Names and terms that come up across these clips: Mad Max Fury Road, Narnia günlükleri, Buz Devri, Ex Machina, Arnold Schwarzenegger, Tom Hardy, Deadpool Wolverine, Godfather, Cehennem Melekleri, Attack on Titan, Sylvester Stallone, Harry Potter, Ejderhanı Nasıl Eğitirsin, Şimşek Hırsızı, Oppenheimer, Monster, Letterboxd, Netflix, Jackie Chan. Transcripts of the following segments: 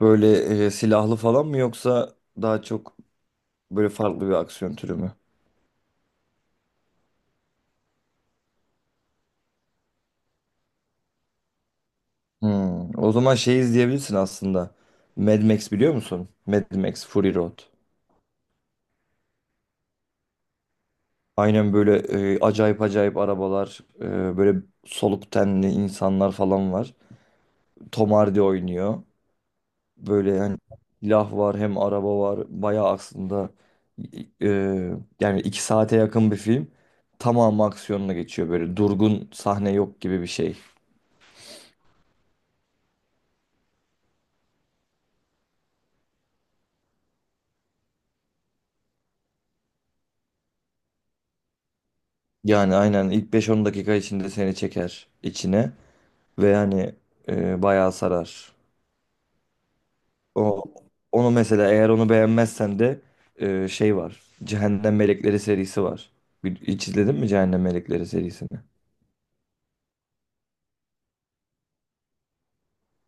Böyle silahlı falan mı yoksa daha çok böyle farklı bir aksiyon türü mü? Hmm. O zaman şey izleyebilirsin aslında. Mad Max biliyor musun? Mad Max Fury Road. Aynen böyle acayip acayip arabalar, böyle soluk tenli insanlar falan var. Tom Hardy oynuyor. Böyle hani silah var hem araba var. Bayağı aslında e, yani 2 saate yakın bir film. Tamamı aksiyonla geçiyor böyle durgun sahne yok gibi bir şey. Yani aynen ilk beş on dakika içinde seni çeker içine ve yani bayağı sarar. O onu mesela eğer onu beğenmezsen de şey var. Cehennem Melekleri serisi var. Hiç izledin mi Cehennem Melekleri serisini?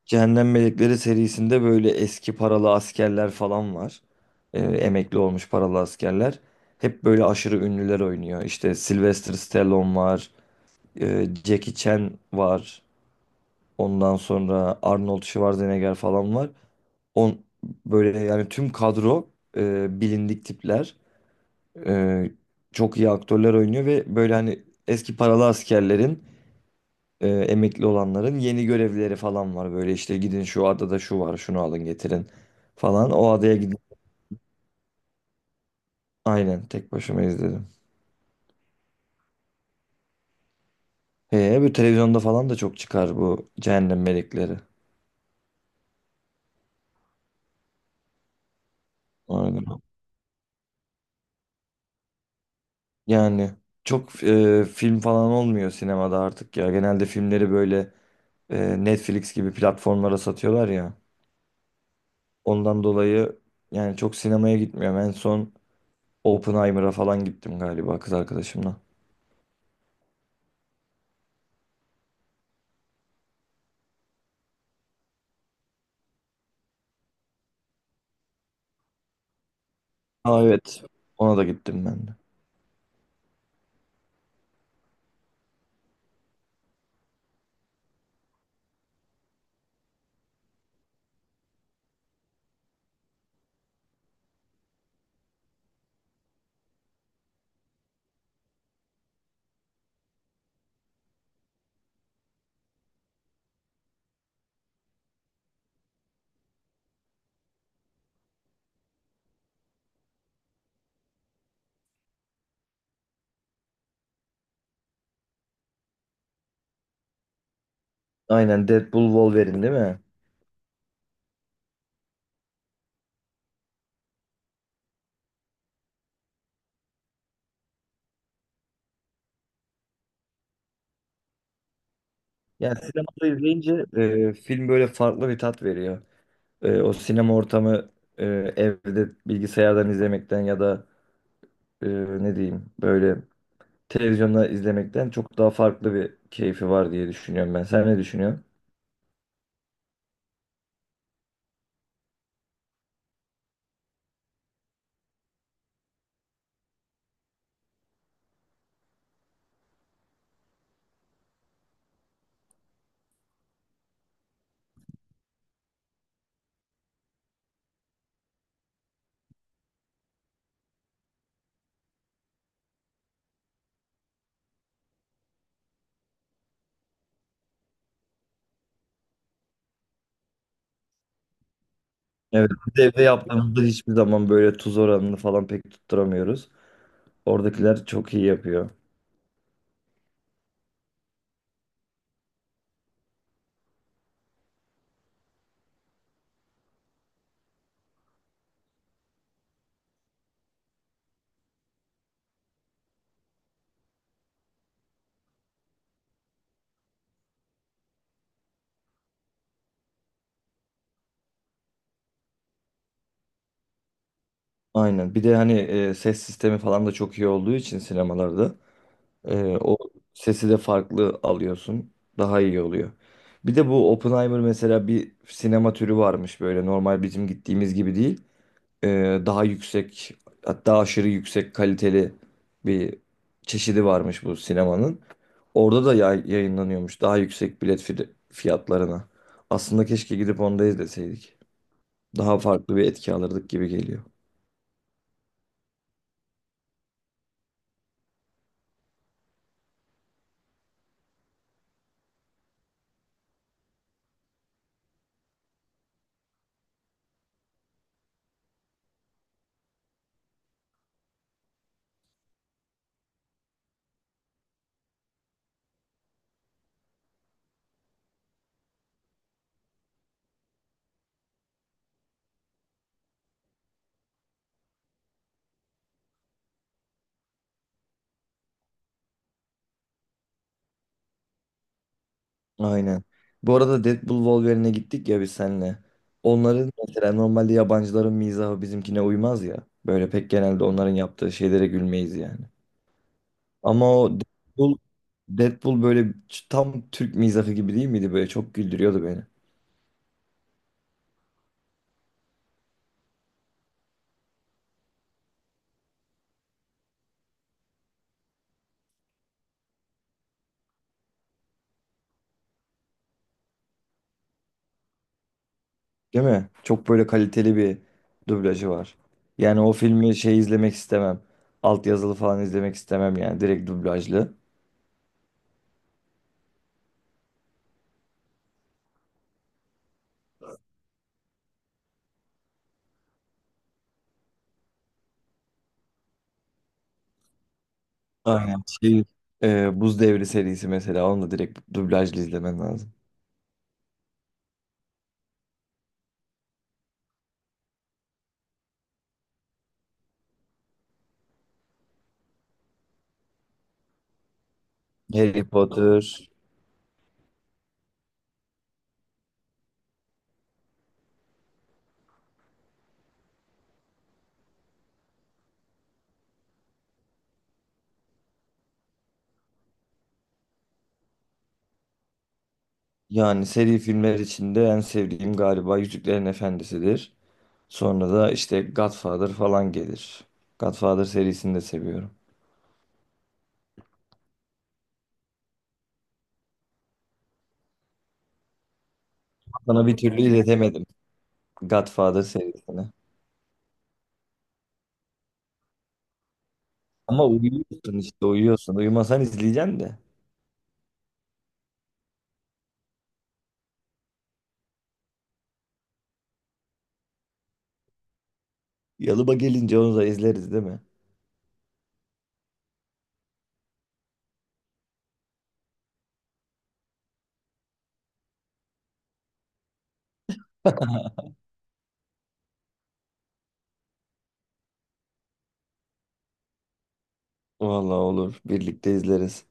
Cehennem Melekleri serisinde böyle eski paralı askerler falan var. Emekli olmuş paralı askerler. Hep böyle aşırı ünlüler oynuyor. İşte Sylvester Stallone var, Jackie Chan var. Ondan sonra Arnold Schwarzenegger falan var. On böyle yani tüm kadro bilindik tipler. E, çok iyi aktörler oynuyor ve böyle hani eski paralı askerlerin emekli olanların yeni görevleri falan var. Böyle işte gidin şu adada şu var, şunu alın getirin falan. O adaya gidin. Aynen tek başıma izledim. He, bu televizyonda falan da çok çıkar bu Cehennem Melekleri. Aynen. Yani çok film falan olmuyor sinemada artık ya. Genelde filmleri böyle Netflix gibi platformlara satıyorlar ya. Ondan dolayı yani çok sinemaya gitmiyorum. En son Oppenheimer'a falan gittim galiba kız arkadaşımla. Aa, evet. Ona da gittim ben de. Aynen, Deadpool Wolverine değil mi? Yani sinemada izleyince film böyle farklı bir tat veriyor. O sinema ortamı e, evde bilgisayardan izlemekten ya da e, ne diyeyim böyle televizyonda izlemekten çok daha farklı bir keyfi var diye düşünüyorum ben. Sen ne düşünüyorsun? Evet, biz evde yaptığımızda hiçbir zaman böyle tuz oranını falan pek tutturamıyoruz. Oradakiler çok iyi yapıyor. Aynen. Bir de hani ses sistemi falan da çok iyi olduğu için sinemalarda o sesi de farklı alıyorsun. Daha iyi oluyor. Bir de bu Oppenheimer mesela bir sinema türü varmış, böyle normal bizim gittiğimiz gibi değil. E, daha yüksek, hatta aşırı yüksek kaliteli bir çeşidi varmış bu sinemanın. Orada da yayınlanıyormuş, daha yüksek bilet fiyatlarına. Aslında keşke gidip onu da izleseydik. Daha farklı bir etki alırdık gibi geliyor. Aynen. Bu arada Deadpool Wolverine'e gittik ya biz seninle. Onların, mesela, normalde yabancıların mizahı bizimkine uymaz ya. Böyle pek genelde onların yaptığı şeylere gülmeyiz yani. Ama o Deadpool böyle tam Türk mizahı gibi değil miydi? Böyle çok güldürüyordu beni. Değil mi? Çok böyle kaliteli bir dublajı var. Yani o filmi şey izlemek istemem. Altyazılı falan izlemek istemem, yani direkt dublajlı. Aynen. Şey, Buz Devri serisi mesela, onu da direkt dublajlı izlemen lazım. Harry Potter. Yani seri filmler içinde en sevdiğim galiba Yüzüklerin Efendisi'dir. Sonra da işte Godfather falan gelir. Godfather serisini de seviyorum. Sana bir türlü izletemedim Godfather serisini. Ama uyuyorsun işte, uyuyorsun. Uyumasan izleyeceksin de. Yalıba gelince onu da izleriz, değil mi? Vallahi olur. Birlikte izleriz.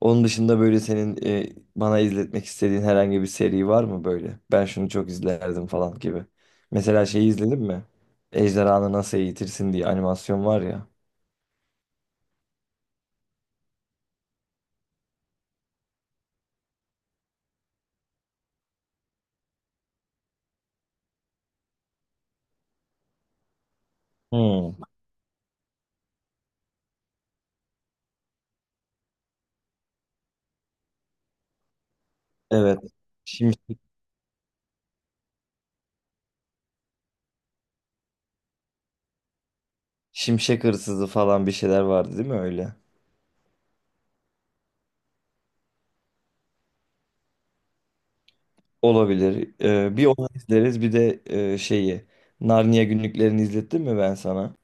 Onun dışında böyle senin bana izletmek istediğin herhangi bir seri var mı böyle? Ben şunu çok izlerdim falan gibi. Mesela şeyi izledin mi? Ejderhanı Nasıl Eğitirsin diye animasyon var ya. Hmm, evet. Şimşek, Şimşek Hırsızı falan bir şeyler vardı değil mi öyle? Olabilir. Bir onu izleriz, bir de şeyi. Narnia günlüklerini izlettim mi ben sana?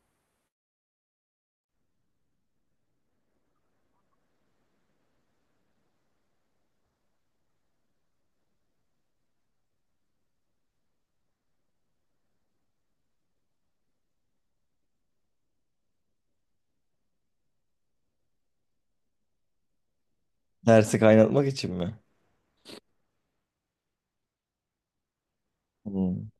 Dersi kaynatmak için mi? Hmm,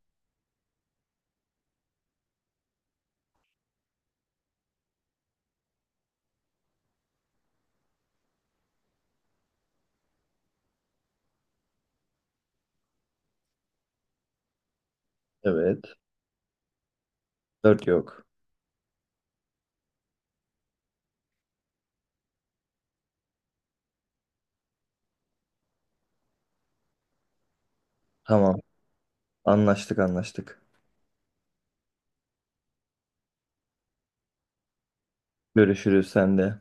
evet. Dört yok. Tamam. Anlaştık, anlaştık. Görüşürüz, sen de.